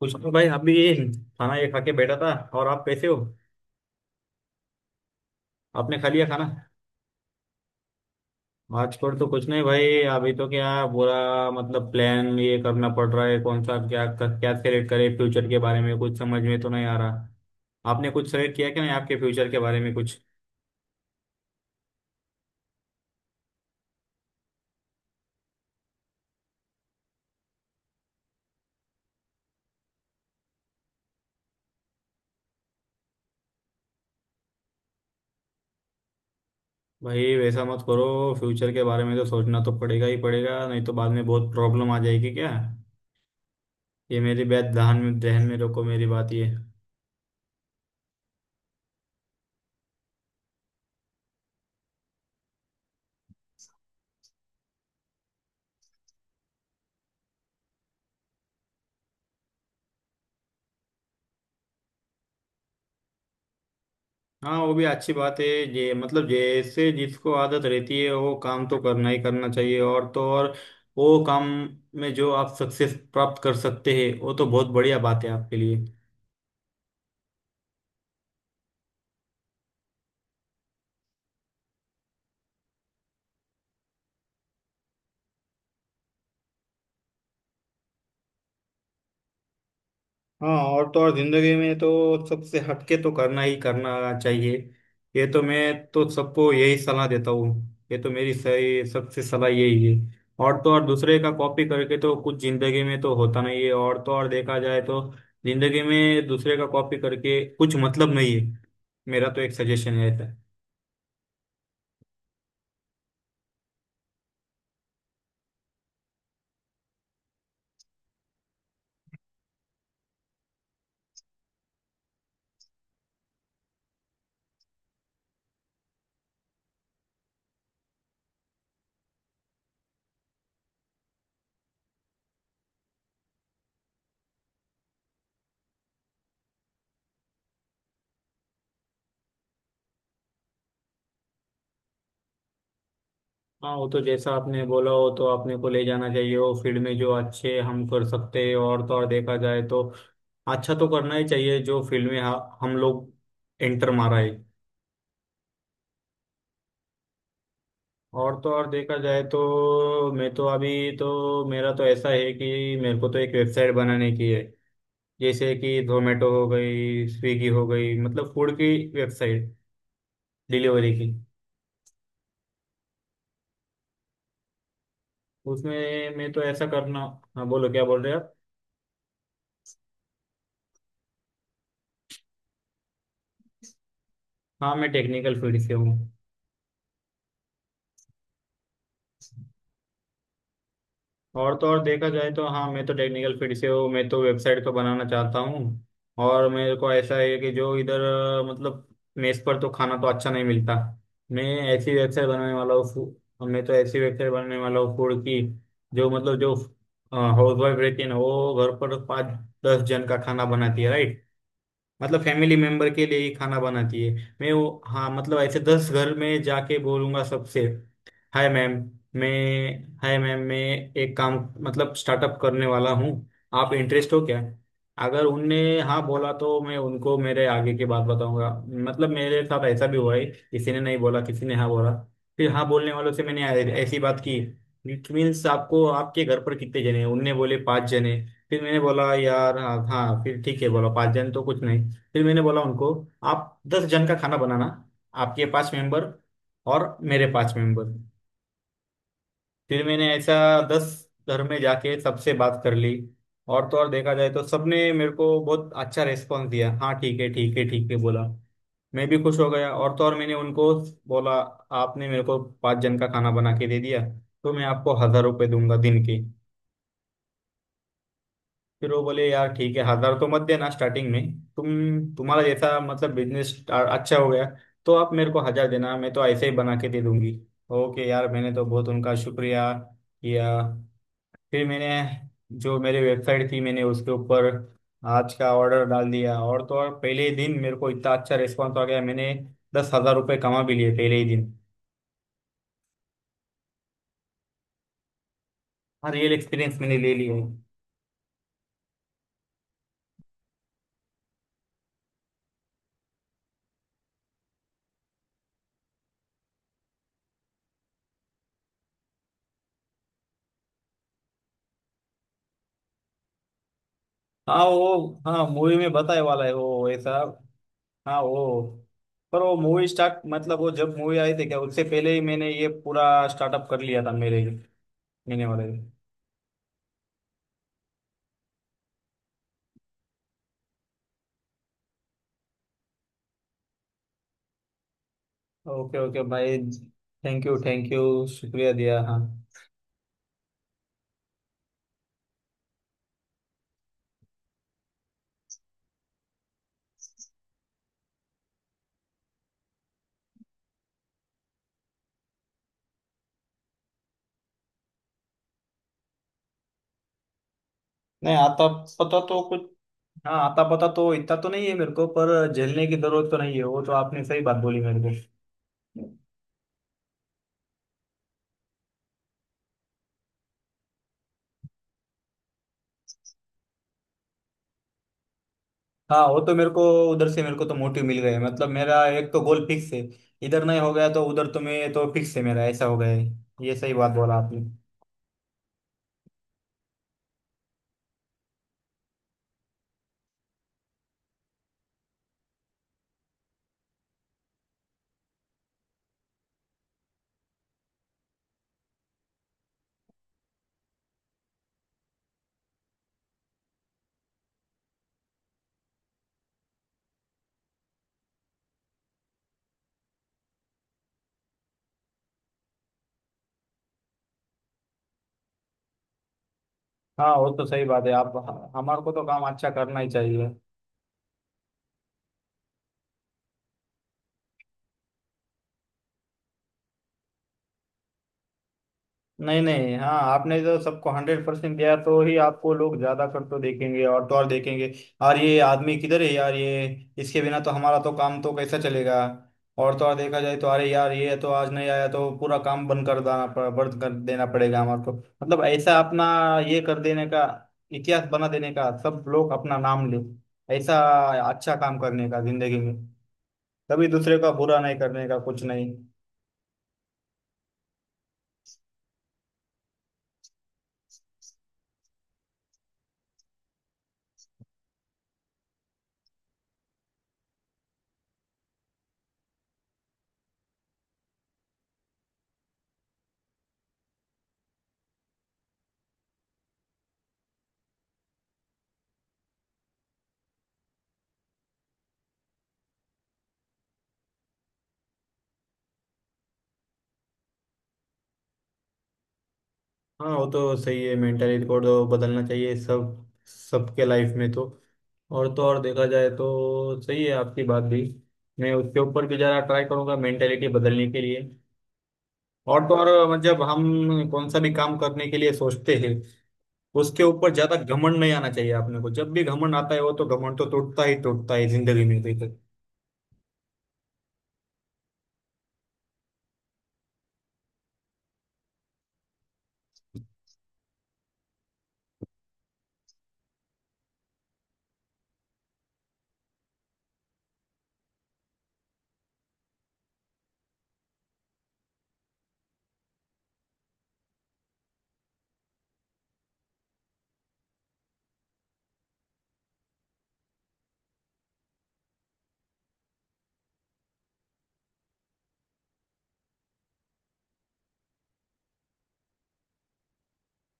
कुछ नहीं भाई। अभी ये खाना ये खा के बैठा था। और आप कैसे हो? आपने खा लिया खाना? आजकल तो कुछ नहीं भाई। अभी तो क्या बुरा, मतलब प्लान ये करना पड़ रहा है, कौन सा क्या क्या सेलेक्ट करें फ्यूचर के बारे में, कुछ समझ में तो नहीं आ रहा। आपने कुछ सेलेक्ट किया क्या नहीं आपके फ्यूचर के बारे में कुछ? भाई वैसा मत करो। फ्यूचर के बारे में तो सोचना तो पड़ेगा ही पड़ेगा, नहीं तो बाद में बहुत प्रॉब्लम आ जाएगी क्या। ये मेरी बात ध्यान में रखो, मेरी बात ये। हाँ वो भी अच्छी बात है। जे मतलब जैसे जिसको आदत रहती है वो काम तो करना ही करना चाहिए। और तो और वो काम में जो आप सक्सेस प्राप्त कर सकते हैं वो तो बहुत बढ़िया बात है आपके लिए। हाँ, और तो और जिंदगी में तो सबसे हटके तो करना ही करना चाहिए। ये तो मैं तो सबको यही सलाह देता हूँ। ये तो मेरी सही सबसे सलाह यही है। और तो और दूसरे का कॉपी करके तो कुछ जिंदगी में तो होता नहीं है। और तो और देखा जाए तो जिंदगी में दूसरे का कॉपी करके कुछ मतलब नहीं है, मेरा तो एक सजेशन रहता है। हाँ, वो तो जैसा आपने बोला हो तो आपने को ले जाना चाहिए वो फील्ड में जो अच्छे हम कर सकते हैं। और तो और देखा जाए तो अच्छा तो करना ही चाहिए जो फील्ड में हम लोग एंटर मारा है। और तो और देखा जाए तो मैं तो अभी, तो मेरा तो ऐसा है कि मेरे को तो एक वेबसाइट बनाने की है। जैसे कि जोमेटो हो गई, स्विगी हो गई, मतलब फूड की वेबसाइट, डिलीवरी की। उसमें मैं तो ऐसा करना। हाँ बोलो, क्या बोल रहे हो आप? हाँ, मैं टेक्निकल फील्ड से हूँ। और तो और देखा जाए तो हाँ, मैं तो टेक्निकल फील्ड से हूँ, मैं तो वेबसाइट को बनाना चाहता हूँ। और मेरे को ऐसा है कि जो इधर मतलब मेस पर तो खाना तो अच्छा नहीं मिलता। मैं मैं तो ऐसी वेबसाइट बनाने वाला हूँ फूड की। जो मतलब जो हाउस वाइफ रहती है ना वो घर पर 5-10 जन का खाना बनाती है, राइट? मतलब फैमिली मेंबर के लिए ही खाना बनाती है। मैं वो हाँ मतलब ऐसे 10 घर में जाके बोलूंगा सबसे, हाय मैम, मैं, हाय मैम मैं एक काम मतलब स्टार्टअप करने वाला हूँ, आप इंटरेस्ट हो क्या? अगर उनने हाँ बोला तो मैं उनको मेरे आगे की बात बताऊंगा। मतलब मेरे साथ ऐसा भी हुआ है किसी ने नहीं बोला, किसी ने हाँ बोला। फिर हाँ बोलने वालों से मैंने ऐसी बात की। इट मीन्स आपको, आपके घर पर कितने जने हैं? उनने बोले पाँच जने। फिर मैंने बोला यार, हाँ हाँ फिर ठीक है, बोला पाँच जन तो कुछ नहीं। फिर मैंने बोला उनको, आप 10 जन का खाना बनाना, आपके पाँच मेंबर और मेरे पाँच मेंबर। फिर मैंने ऐसा 10 घर में जाके सबसे बात कर ली। और तो और देखा जाए तो सबने मेरे को बहुत अच्छा रेस्पॉन्स दिया, हाँ ठीक है ठीक है ठीक है बोला। मैं भी खुश हो गया। और तो और मैंने उनको बोला, आपने मेरे को पाँच जन का खाना बना के दे दिया तो मैं आपको 1000 रुपये दूंगा दिन के। फिर वो बोले यार ठीक है, 1000 तो मत देना स्टार्टिंग में, तुम, तुम्हारा जैसा मतलब बिजनेस अच्छा हो गया तो आप मेरे को 1000 देना, मैं तो ऐसे ही बना के दे दूंगी। ओके यार, मैंने तो बहुत उनका शुक्रिया किया। फिर मैंने जो मेरे वेबसाइट थी मैंने उसके ऊपर आज का ऑर्डर डाल दिया, और तो और पहले ही दिन मेरे को इतना अच्छा रिस्पॉन्स आ गया, मैंने 10,000 रुपये कमा भी लिए पहले ही दिन। हाँ, रियल एक्सपीरियंस मैंने ले लिया है। हाँ वो हाँ मूवी में बताए वाला है वो ऐसा। हाँ वो, पर वो मूवी स्टार्ट मतलब वो जब मूवी आई थी क्या, उससे पहले ही मैंने ये पूरा स्टार्टअप कर लिया था मेरे, मैंने वाले। ओके ओके भाई, थैंक यू थैंक यू, शुक्रिया दिया, हाँ। नहीं आता पता तो कुछ, हाँ आता पता तो इतना तो नहीं है मेरे को, पर झेलने की जरूरत तो नहीं है, वो तो आपने सही बात बोली मेरे को। हाँ वो तो मेरे को उधर से मेरे को तो मोटिव मिल गया है। मतलब मेरा एक तो गोल फिक्स है। इधर नहीं हो गया तो उधर तो मैं तो फिक्स है मेरा, ऐसा हो गया है। ये सही बात बोला आपने। हाँ वो तो सही बात है आप, हमारे को तो काम अच्छा करना ही चाहिए। नहीं नहीं, हाँ आपने जो सबको 100% दिया तो ही आपको लोग ज्यादा कर तो देखेंगे और तो और देखेंगे। और ये आदमी किधर है यार, ये इसके बिना तो हमारा तो काम तो कैसा चलेगा। और तो और देखा जाए तो अरे यार, ये तो आज नहीं आया तो पूरा काम बंद कर देना, बंद कर देना पड़ेगा हमारे को। मतलब ऐसा अपना ये कर देने का, इतिहास बना देने का, सब लोग अपना नाम ले, ऐसा अच्छा काम करने का जिंदगी में। कभी दूसरे का बुरा नहीं करने का, कुछ नहीं। हाँ वो तो सही है, मेंटली रिकॉर्ड तो बदलना चाहिए सब सबके लाइफ में तो। और तो और देखा जाए तो सही है आपकी बात भी। मैं उसके ऊपर भी ज़रा ट्राई करूंगा मेंटेलिटी बदलने के लिए। और तो और जब हम कौन सा भी काम करने के लिए सोचते हैं उसके ऊपर ज़्यादा घमंड नहीं आना चाहिए, आपने को जब भी घमंड आता है वो तो घमंड तो टूटता ही टूटता है जिंदगी में।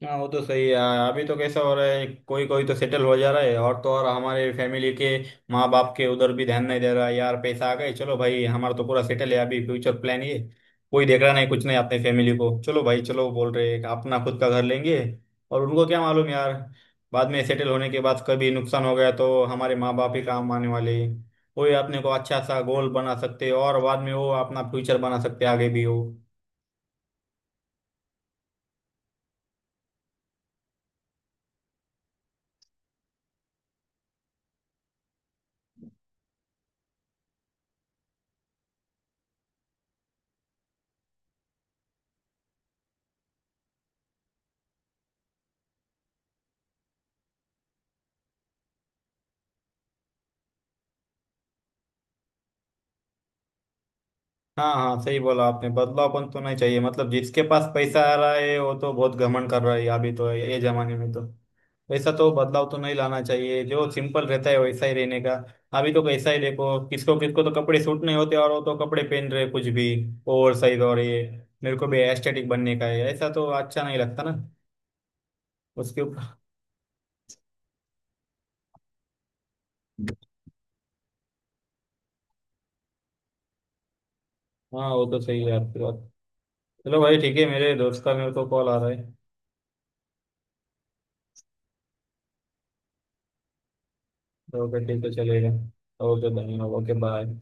हाँ वो तो सही है यार। अभी तो कैसा हो रहा है, कोई कोई तो सेटल हो जा रहा है और तो और हमारे फैमिली के माँ बाप के उधर भी ध्यान नहीं दे रहा है। यार पैसा आ गए, चलो भाई हमारा तो पूरा सेटल है, अभी फ्यूचर प्लान ये कोई देख रहा नहीं कुछ नहीं अपने फैमिली को, चलो भाई चलो, बोल रहे हैं अपना खुद का घर लेंगे। और उनको क्या मालूम यार, बाद में सेटल होने के बाद कभी नुकसान हो गया तो हमारे माँ बाप ही काम आने वाले हैं। वही अपने को अच्छा सा गोल बना सकते हैं और बाद में वो अपना फ्यूचर बना सकते हैं आगे भी हो। हाँ हाँ सही बोला आपने, बदलावपन तो नहीं चाहिए, मतलब जिसके पास पैसा आ रहा है वो तो बहुत घमंड कर रहा है अभी तो ये जमाने में तो, वैसा तो बदलाव तो नहीं लाना चाहिए, जो सिंपल रहता है वैसा ही रहने का। अभी तो कैसा ही देखो, किसको किसको तो कपड़े सूट नहीं होते और वो तो कपड़े पहन रहे कुछ भी, ओवर साइज, और ये मेरे को भी एस्थेटिक बनने का है, ऐसा तो अच्छा नहीं लगता ना। उसके ऊपर हाँ वो तो सही है आपकी बात। चलो भाई ठीक है, मेरे दोस्त का मेरे को कॉल आ रहा है। ओके ठीक है चलेगा। ओके धन्यवाद, ओके बाय।